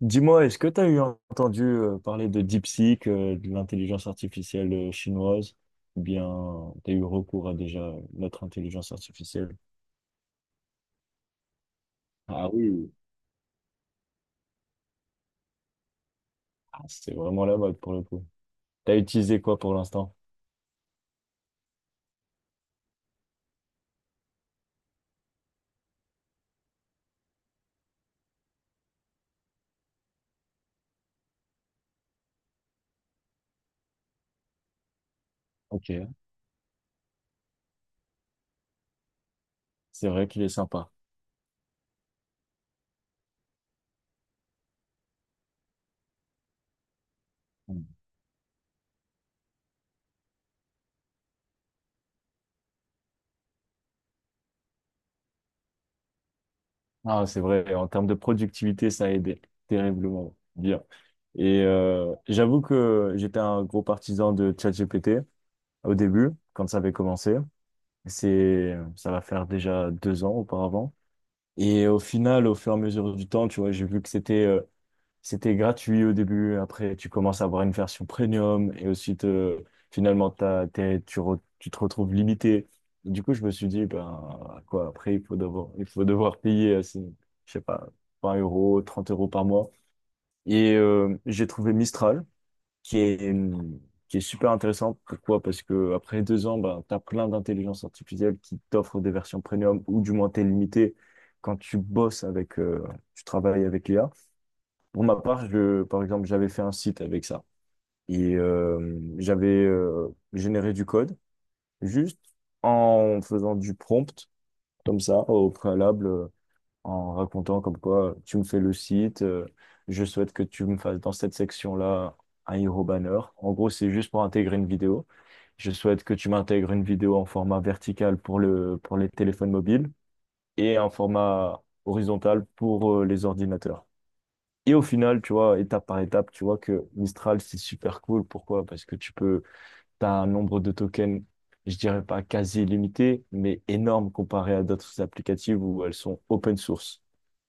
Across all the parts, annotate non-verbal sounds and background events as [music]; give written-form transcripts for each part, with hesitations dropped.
Dis-moi, est-ce que tu as eu entendu parler de DeepSeek, de l'intelligence artificielle chinoise? Ou bien tu as eu recours à déjà notre intelligence artificielle? Ah oui. Ah, c'est vraiment la mode pour le coup. T'as utilisé quoi pour l'instant? Ok, c'est vrai qu'il est sympa. Mm. Ah, c'est vrai, en termes de productivité, ça a aidé terriblement. Bien. Et j'avoue que j'étais un gros partisan de ChatGPT au début, quand ça avait commencé. Ça va faire déjà 2 ans auparavant. Et au final, au fur et à mesure du temps, tu vois, j'ai vu que c'était gratuit au début. Après, tu commences à avoir une version premium et ensuite, finalement, t'as, t'es- tu, re- tu te retrouves limité. Du coup, je me suis dit, ben, quoi, après, il faut devoir payer, je sais pas, 20 euros, 30 euros par mois. Et j'ai trouvé Mistral qui est, qui est super intéressante. Pourquoi? Parce que après 2 ans, ben, tu as plein d'intelligence artificielle qui t'offre des versions premium ou du moins t'es limité quand tu bosses tu travailles avec l'IA. Pour ma part, je, par exemple, j'avais fait un site avec ça et j'avais généré du code juste en faisant du prompt comme ça au préalable, en racontant comme quoi tu me fais le site, je souhaite que tu me fasses dans cette section-là un hero banner. En gros, c'est juste pour intégrer une vidéo. Je souhaite que tu m'intègres une vidéo en format vertical pour pour les téléphones mobiles et un format horizontal pour les ordinateurs. Et au final, tu vois, étape par étape, tu vois que Mistral, c'est super cool. Pourquoi? Parce que tu peux, t'as un nombre de tokens, je dirais pas quasi illimité, mais énorme comparé à d'autres applicatives où elles sont open source.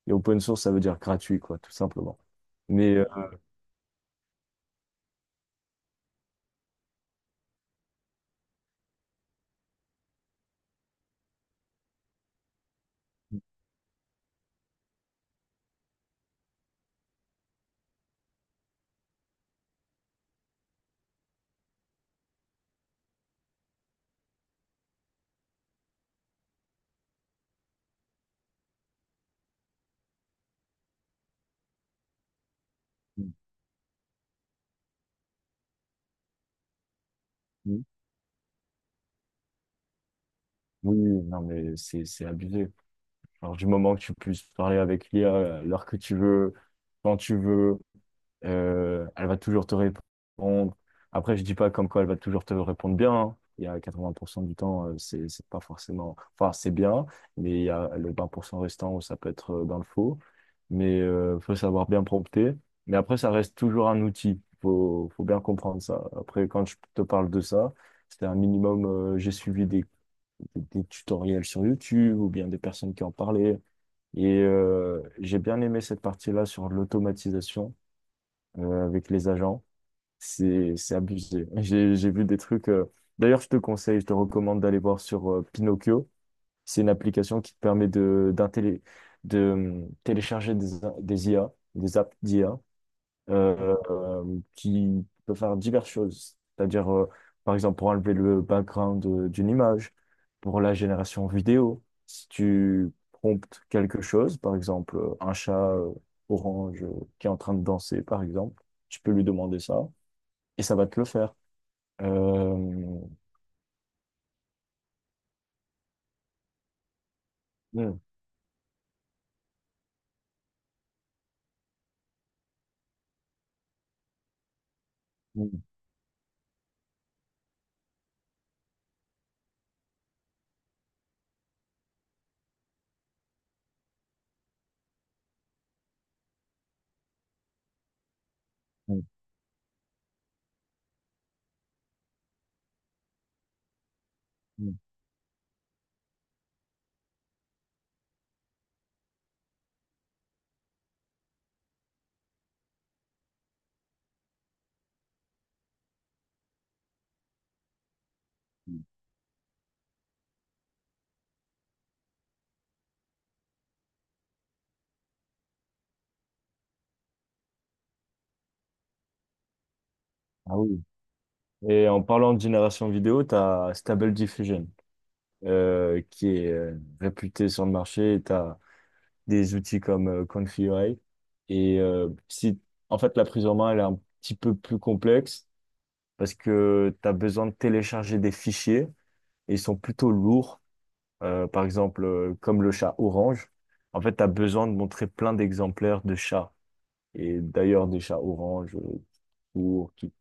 Et open source, ça veut dire gratuit, quoi, tout simplement. Mais oui, non, mais c'est abusé. Alors, du moment que tu puisses parler avec l'IA à l'heure que tu veux, quand tu veux. Elle va toujours te répondre. Après, je dis pas comme quoi elle va toujours te répondre bien, hein. Il y a 80% du temps, c'est pas forcément. Enfin, c'est bien, mais il y a le 20% restant où ça peut être dans le faux. Mais faut savoir bien prompter. Mais après, ça reste toujours un outil. Faut bien comprendre ça. Après, quand je te parle de ça, c'était un minimum. J'ai suivi des tutoriels sur YouTube ou bien des personnes qui en parlaient. Et j'ai bien aimé cette partie-là sur l'automatisation avec les agents. C'est abusé. J'ai vu des trucs. D'ailleurs, je te conseille, je te recommande d'aller voir sur Pinocchio. C'est une application qui te permet de télécharger des IA, des apps d'IA, qui peut faire diverses choses. C'est-à-dire, par exemple, pour enlever le background d'une image, pour la génération vidéo, si tu promptes quelque chose, par exemple, un chat orange qui est en train de danser, par exemple, tu peux lui demander ça et ça va te le faire. Euh, mm, mm, mm, mm. Ah oui. Et en parlant de génération vidéo, tu as Stable Diffusion qui est réputé sur le marché. Tu des outils comme Confluent. Et si, en fait, la prise en main, elle est un petit peu plus complexe parce que tu as besoin de télécharger des fichiers et ils sont plutôt lourds. Par exemple, comme le chat orange, en fait, tu as besoin de montrer plein d'exemplaires de chats et d'ailleurs des chats orange, pour tout,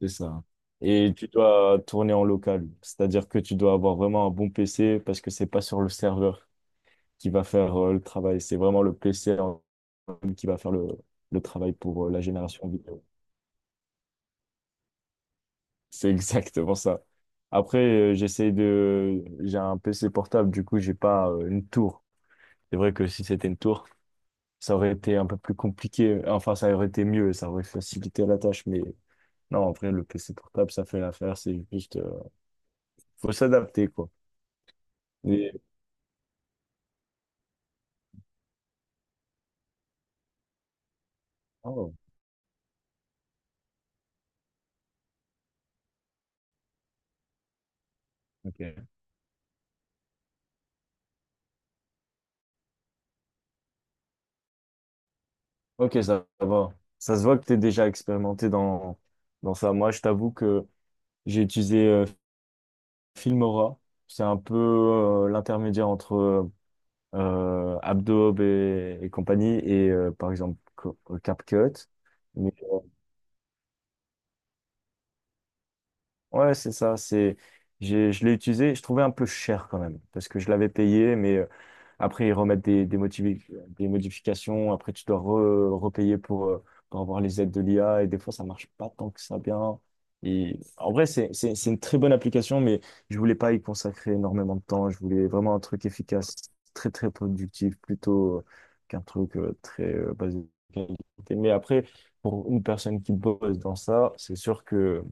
c'est ça. Et tu dois tourner en local, c'est-à-dire que tu dois avoir vraiment un bon PC parce que c'est pas sur le serveur qui va faire le travail, c'est vraiment le PC qui va faire le travail pour la génération vidéo. C'est exactement ça. Après, j'essaie de... J'ai un PC portable, du coup, j'ai pas une tour. C'est vrai que si c'était une tour, ça aurait été un peu plus compliqué. Enfin, ça aurait été mieux, ça aurait facilité la tâche. Mais non, en vrai, le PC portable, ça fait l'affaire. C'est juste... faut s'adapter, quoi. Et- Oh, ok. Ok, ça va. Ça se voit que tu es déjà expérimenté dans ça. Moi, je t'avoue que j'ai utilisé Filmora, c'est un peu l'intermédiaire entre Adobe et compagnie et par exemple CapCut. Mais ouais, c'est ça. Je l'ai utilisé. Je trouvais un peu cher quand même parce que je l'avais payé, mais après ils remettent des modifications. Après tu dois repayer pour avoir les aides de l'IA et des fois ça marche pas tant que ça bien. Et en vrai, c'est une très bonne application, mais je voulais pas y consacrer énormément de temps. Je voulais vraiment un truc efficace, très très productif, plutôt qu'un truc très basé sur la qualité. Mais après, pour une personne qui bosse dans ça, c'est sûr que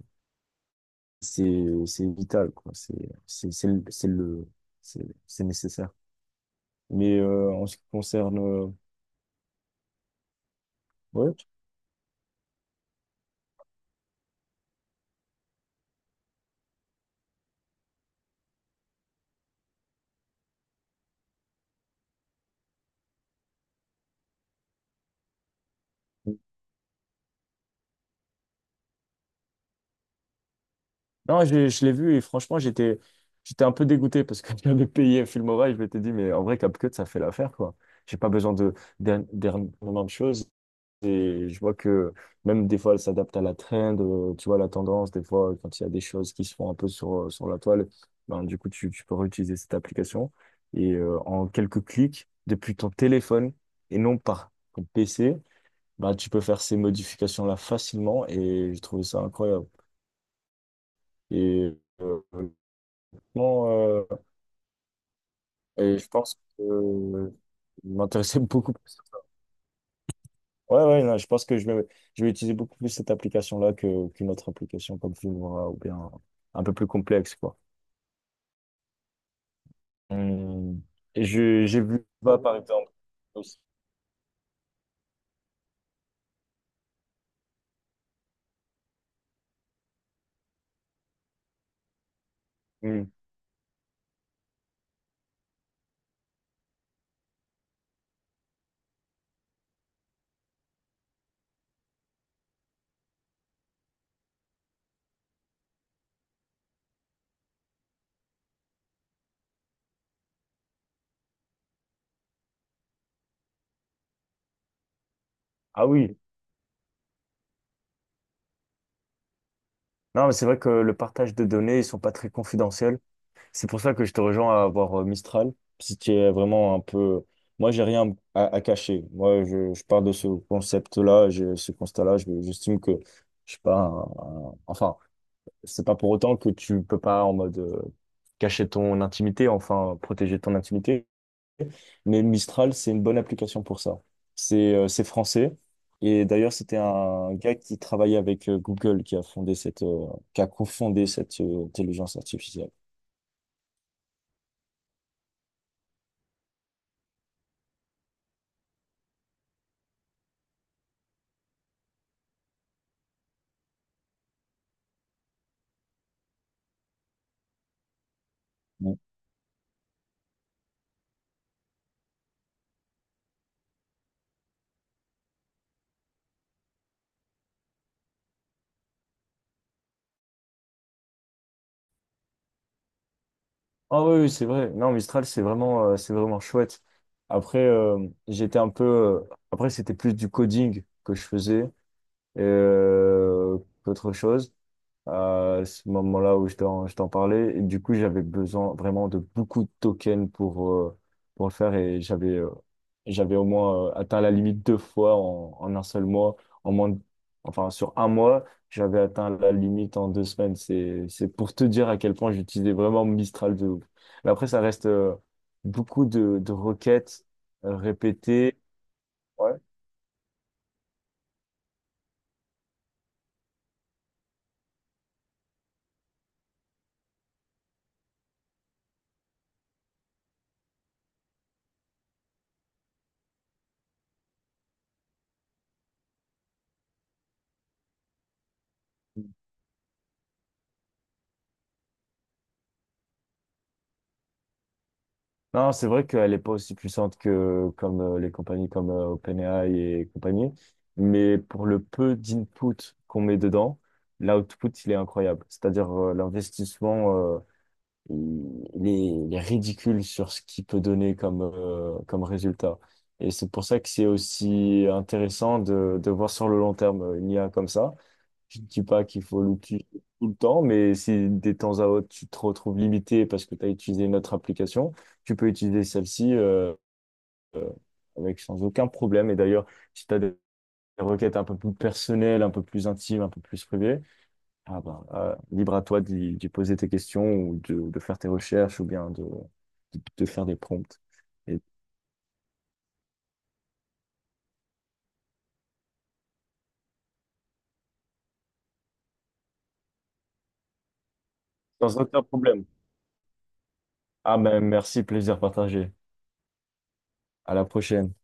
c'est vital quoi, c'est c'est le c'est le- c'est nécessaire. Mais en ce qui concerne ouais, non, je l'ai vu et franchement j'étais un peu dégoûté parce que [laughs] j'avais payé Filmora et je m'étais dit mais en vrai CapCut ça fait l'affaire quoi. J'ai pas besoin de d'ernement de choses. Et je vois que même des fois, elle s'adapte à la trend, tu vois, la tendance. Des fois, quand il y a des choses qui se font un peu sur la toile, ben, du coup, tu peux réutiliser cette application. Et en quelques clics, depuis ton téléphone et non par ton PC, ben, tu peux faire ces modifications-là facilement. Et j'ai trouvé ça incroyable. Et, euh, Honnêtement, et je pense que je m'intéressais [laughs] beaucoup. Ouais, ouais, non, je pense que je vais utiliser beaucoup plus cette application-là qu'une autre application comme Filmora ou bien un peu plus complexe, quoi. Hum, et j'ai vu Canva, par exemple. Aussi. Hum. Ah oui. Non, mais c'est vrai que le partage de données, ils sont pas très confidentiels. C'est pour ça que je te rejoins à avoir Mistral. Si tu es vraiment un peu... Moi, j'ai rien à cacher. Moi, je pars de ce concept-là, j'ai ce constat-là. J'estime que je suis pas un- un- enfin, c'est pas pour autant que tu peux pas en mode cacher ton intimité, enfin protéger ton intimité. Mais Mistral, c'est une bonne application pour ça. C'est français. Et d'ailleurs, c'était un gars qui travaillait avec Google qui qui a cofondé cette intelligence artificielle. Ah oui, oui, c'est vrai. Non, Mistral, c'est vraiment chouette. Après, j'étais un peu. Après, c'était plus du coding que je faisais euh, qu'autre chose à ce moment-là où je t'en parlais. Et du coup, j'avais besoin vraiment de beaucoup de tokens pour le faire et j'avais au moins atteint la limite 2 fois en 1 seul mois. En moins de- enfin, sur un mois, j'avais atteint la limite en 2 semaines. C'est pour te dire à quel point j'utilisais vraiment Mistral de ouf. Mais après, ça reste beaucoup de requêtes répétées. Ouais. Non, c'est vrai qu'elle n'est pas aussi puissante que comme les compagnies comme OpenAI et compagnie, mais pour le peu d'input qu'on met dedans, l'output, il est incroyable. C'est-à-dire l'investissement, il est ridicule sur ce qu'il peut donner comme, comme résultat. Et c'est pour ça que c'est aussi intéressant de voir sur le long terme une IA comme ça. Je ne dis pas qu'il faut l'utiliser tout le temps, mais si des temps à autre, tu te retrouves limité parce que tu as utilisé une autre application, tu peux utiliser celle-ci euh, avec sans aucun problème. Et d'ailleurs, si tu as des requêtes un peu plus personnelles, un peu plus intimes, un peu plus privées, ah ben, libre à toi d'y poser tes questions ou de faire tes recherches ou bien de faire des prompts. Et sans aucun problème. Ah ben, merci, plaisir partagé. À la prochaine.